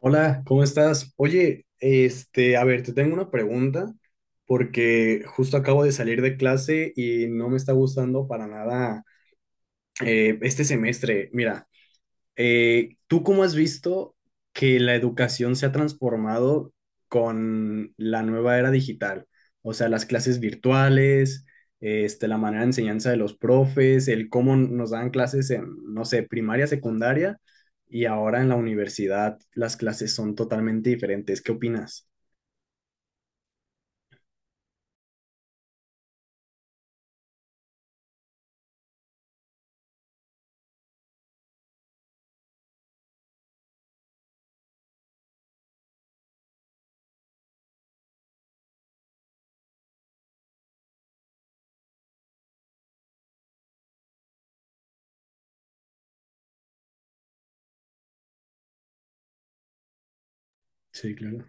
Hola, ¿cómo estás? Oye, a ver, te tengo una pregunta porque justo acabo de salir de clase y no me está gustando para nada este semestre. Mira, ¿tú cómo has visto que la educación se ha transformado con la nueva era digital? O sea, las clases virtuales, la manera de enseñanza de los profes, el cómo nos dan clases en, no sé, primaria, secundaria, y ahora en la universidad las clases son totalmente diferentes. ¿Qué opinas? Sí, claro.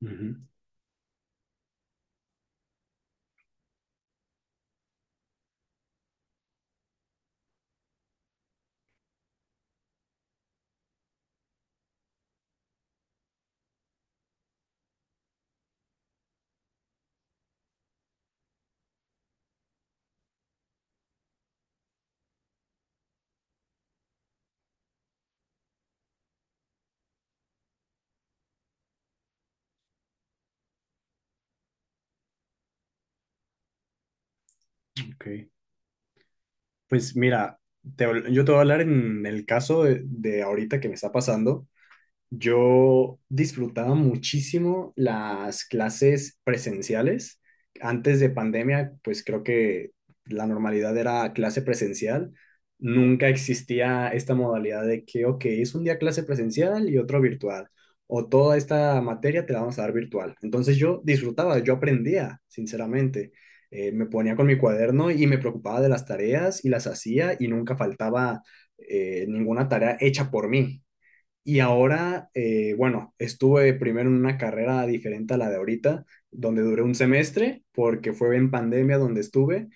Ujú, ok. Pues mira, te- yo te voy a hablar en el caso de ahorita que me está pasando. Yo disfrutaba muchísimo las clases presenciales. Antes de pandemia, pues creo que la normalidad era clase presencial. Nunca existía esta modalidad de que, ok, es un día clase presencial y otro virtual. O toda esta materia te la vamos a dar virtual. Entonces yo disfrutaba, yo aprendía, sinceramente. Me ponía con mi cuaderno y me preocupaba de las tareas y las hacía y nunca faltaba ninguna tarea hecha por mí. Y ahora, bueno, estuve primero en una carrera diferente a la de ahorita, donde duré un semestre, porque fue en pandemia donde estuve,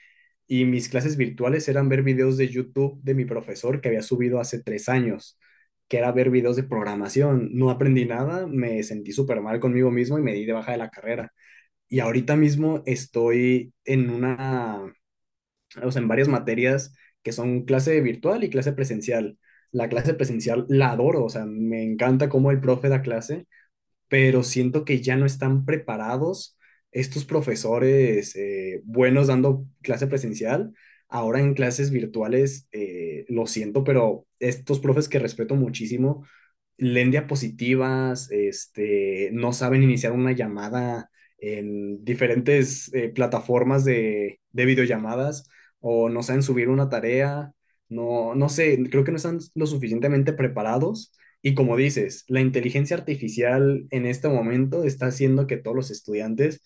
y mis clases virtuales eran ver videos de YouTube de mi profesor que había subido hace 3 años, que era ver videos de programación. No aprendí nada, me sentí súper mal conmigo mismo y me di de baja de la carrera. Y ahorita mismo estoy en una, o sea, en varias materias que son clase virtual y clase presencial. La clase presencial la adoro, o sea, me encanta cómo el profe da clase, pero siento que ya no están preparados estos profesores buenos dando clase presencial. Ahora en clases virtuales, lo siento, pero estos profes que respeto muchísimo leen diapositivas, no saben iniciar una llamada en diferentes plataformas de videollamadas o no saben subir una tarea, no, no sé, creo que no están lo suficientemente preparados. Y como dices, la inteligencia artificial en este momento está haciendo que todos los estudiantes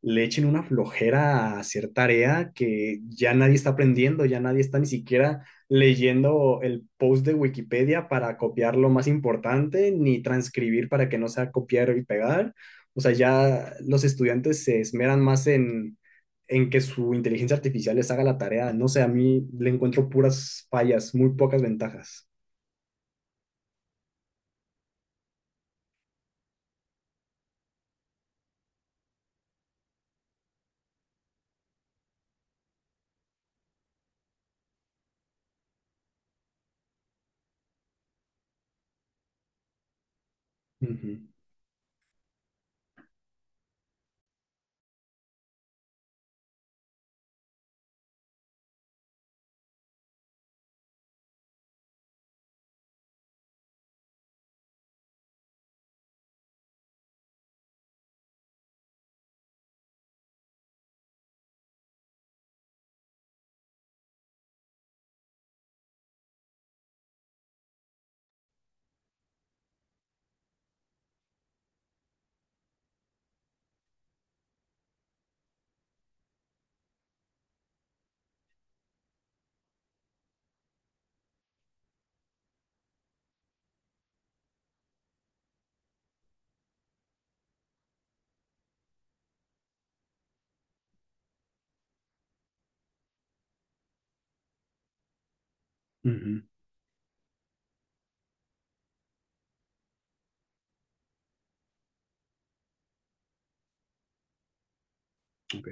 le echen una flojera a hacer tarea que ya nadie está aprendiendo, ya nadie está ni siquiera leyendo el post de Wikipedia para copiar lo más importante, ni transcribir para que no sea copiar y pegar. O sea, ya los estudiantes se esmeran más en que su inteligencia artificial les haga la tarea. No sé, a mí le encuentro puras fallas, muy pocas ventajas. Ujú, ujú, ok,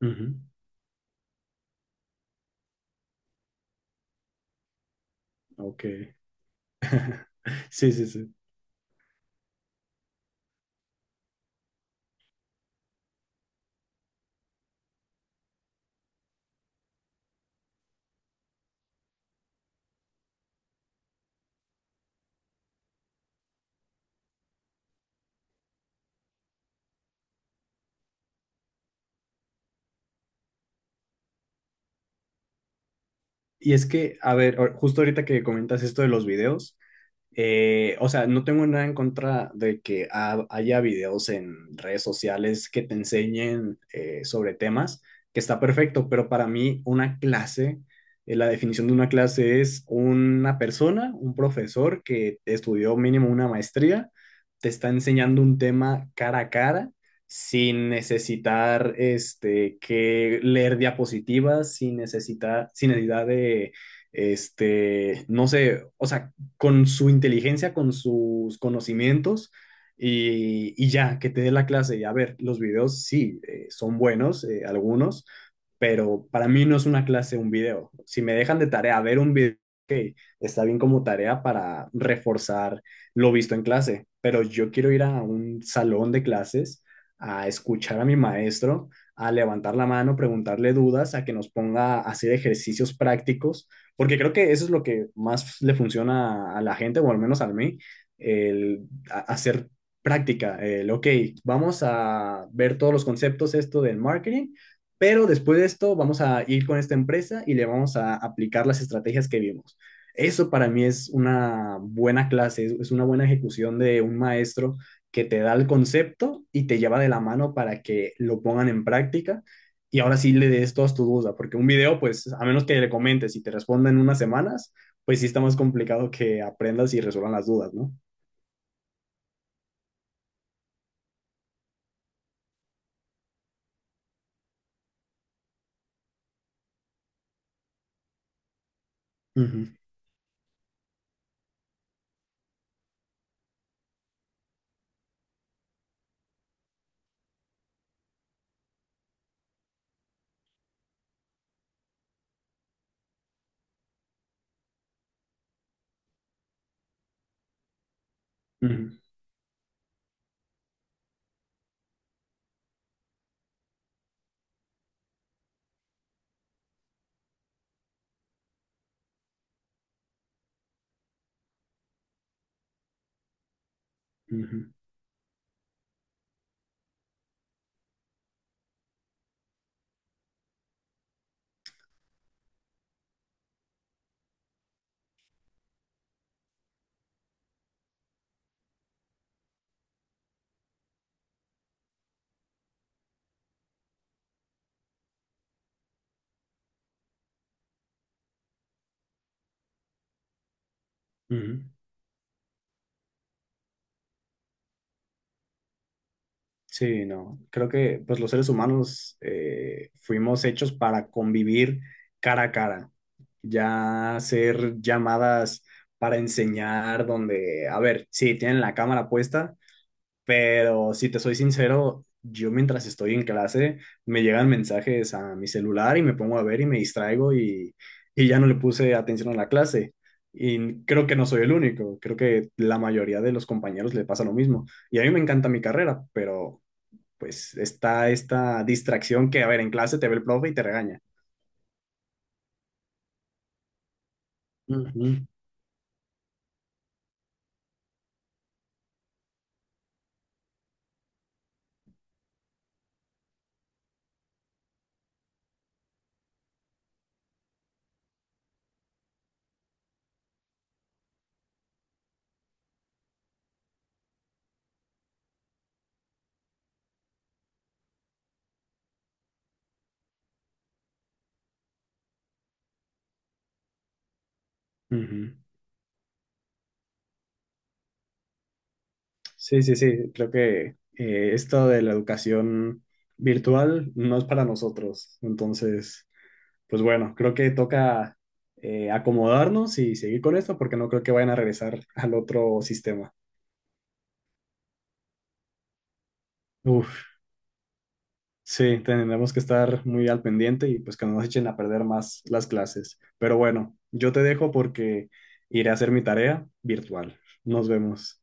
ujú, ok. Sí, sí, sí. Y es que, a ver, justo ahorita que comentas esto de los videos, o sea, no tengo nada en contra de que haya videos en redes sociales que te enseñen sobre temas, que está perfecto, pero para mí una clase, la definición de una clase es una persona, un profesor que estudió mínimo una maestría, te está enseñando un tema cara a cara, sin necesitar que leer diapositivas, sin necesitar, sin necesidad de no sé, o sea, con su inteligencia, con sus conocimientos y ya, que te dé la clase. Y a ver, los videos sí, son buenos, algunos, pero para mí no es una clase un video. Si me dejan de tarea ver un video, ok, está bien como tarea para reforzar lo visto en clase, pero yo quiero ir a un salón de clases a escuchar a mi maestro, a levantar la mano, preguntarle dudas, a que nos ponga a hacer ejercicios prácticos, porque creo que eso es lo que más le funciona a la gente, o al menos a mí, el hacer práctica, el, ok, vamos a ver todos los conceptos, esto del marketing, pero después de esto vamos a ir con esta empresa y le vamos a aplicar las estrategias que vimos. Eso para mí es una buena clase, es una buena ejecución de un maestro que te da el concepto y te lleva de la mano para que lo pongan en práctica y ahora sí le des todas tus dudas, porque un video, pues a menos que le comentes y te responda en unas semanas, pues sí está más complicado que aprendas y resuelvan las dudas, ¿no? Ujú, ujú, ujú, ujú. Sí, no. Creo que pues los seres humanos fuimos hechos para convivir cara a cara. Ya hacer llamadas para enseñar donde, a ver, sí, tienen la cámara puesta, pero si te soy sincero, yo mientras estoy en clase me llegan mensajes a mi celular y me pongo a ver y me distraigo y ya no le puse atención a la clase. Y creo que no soy el único, creo que la mayoría de los compañeros le pasa lo mismo. Y a mí me encanta mi carrera, pero pues está esta distracción que, a ver, en clase te ve el profe y te regaña. Ujú, ujú. Sí, sí, sí, creo que esto de la educación virtual no es para nosotros. Entonces, pues bueno, creo que toca acomodarnos y seguir con esto porque no creo que vayan a regresar al otro sistema. Uf, sí, tendremos que estar muy al pendiente y pues que no nos echen a perder más las clases. Pero bueno, yo te dejo porque iré a hacer mi tarea virtual. Nos vemos.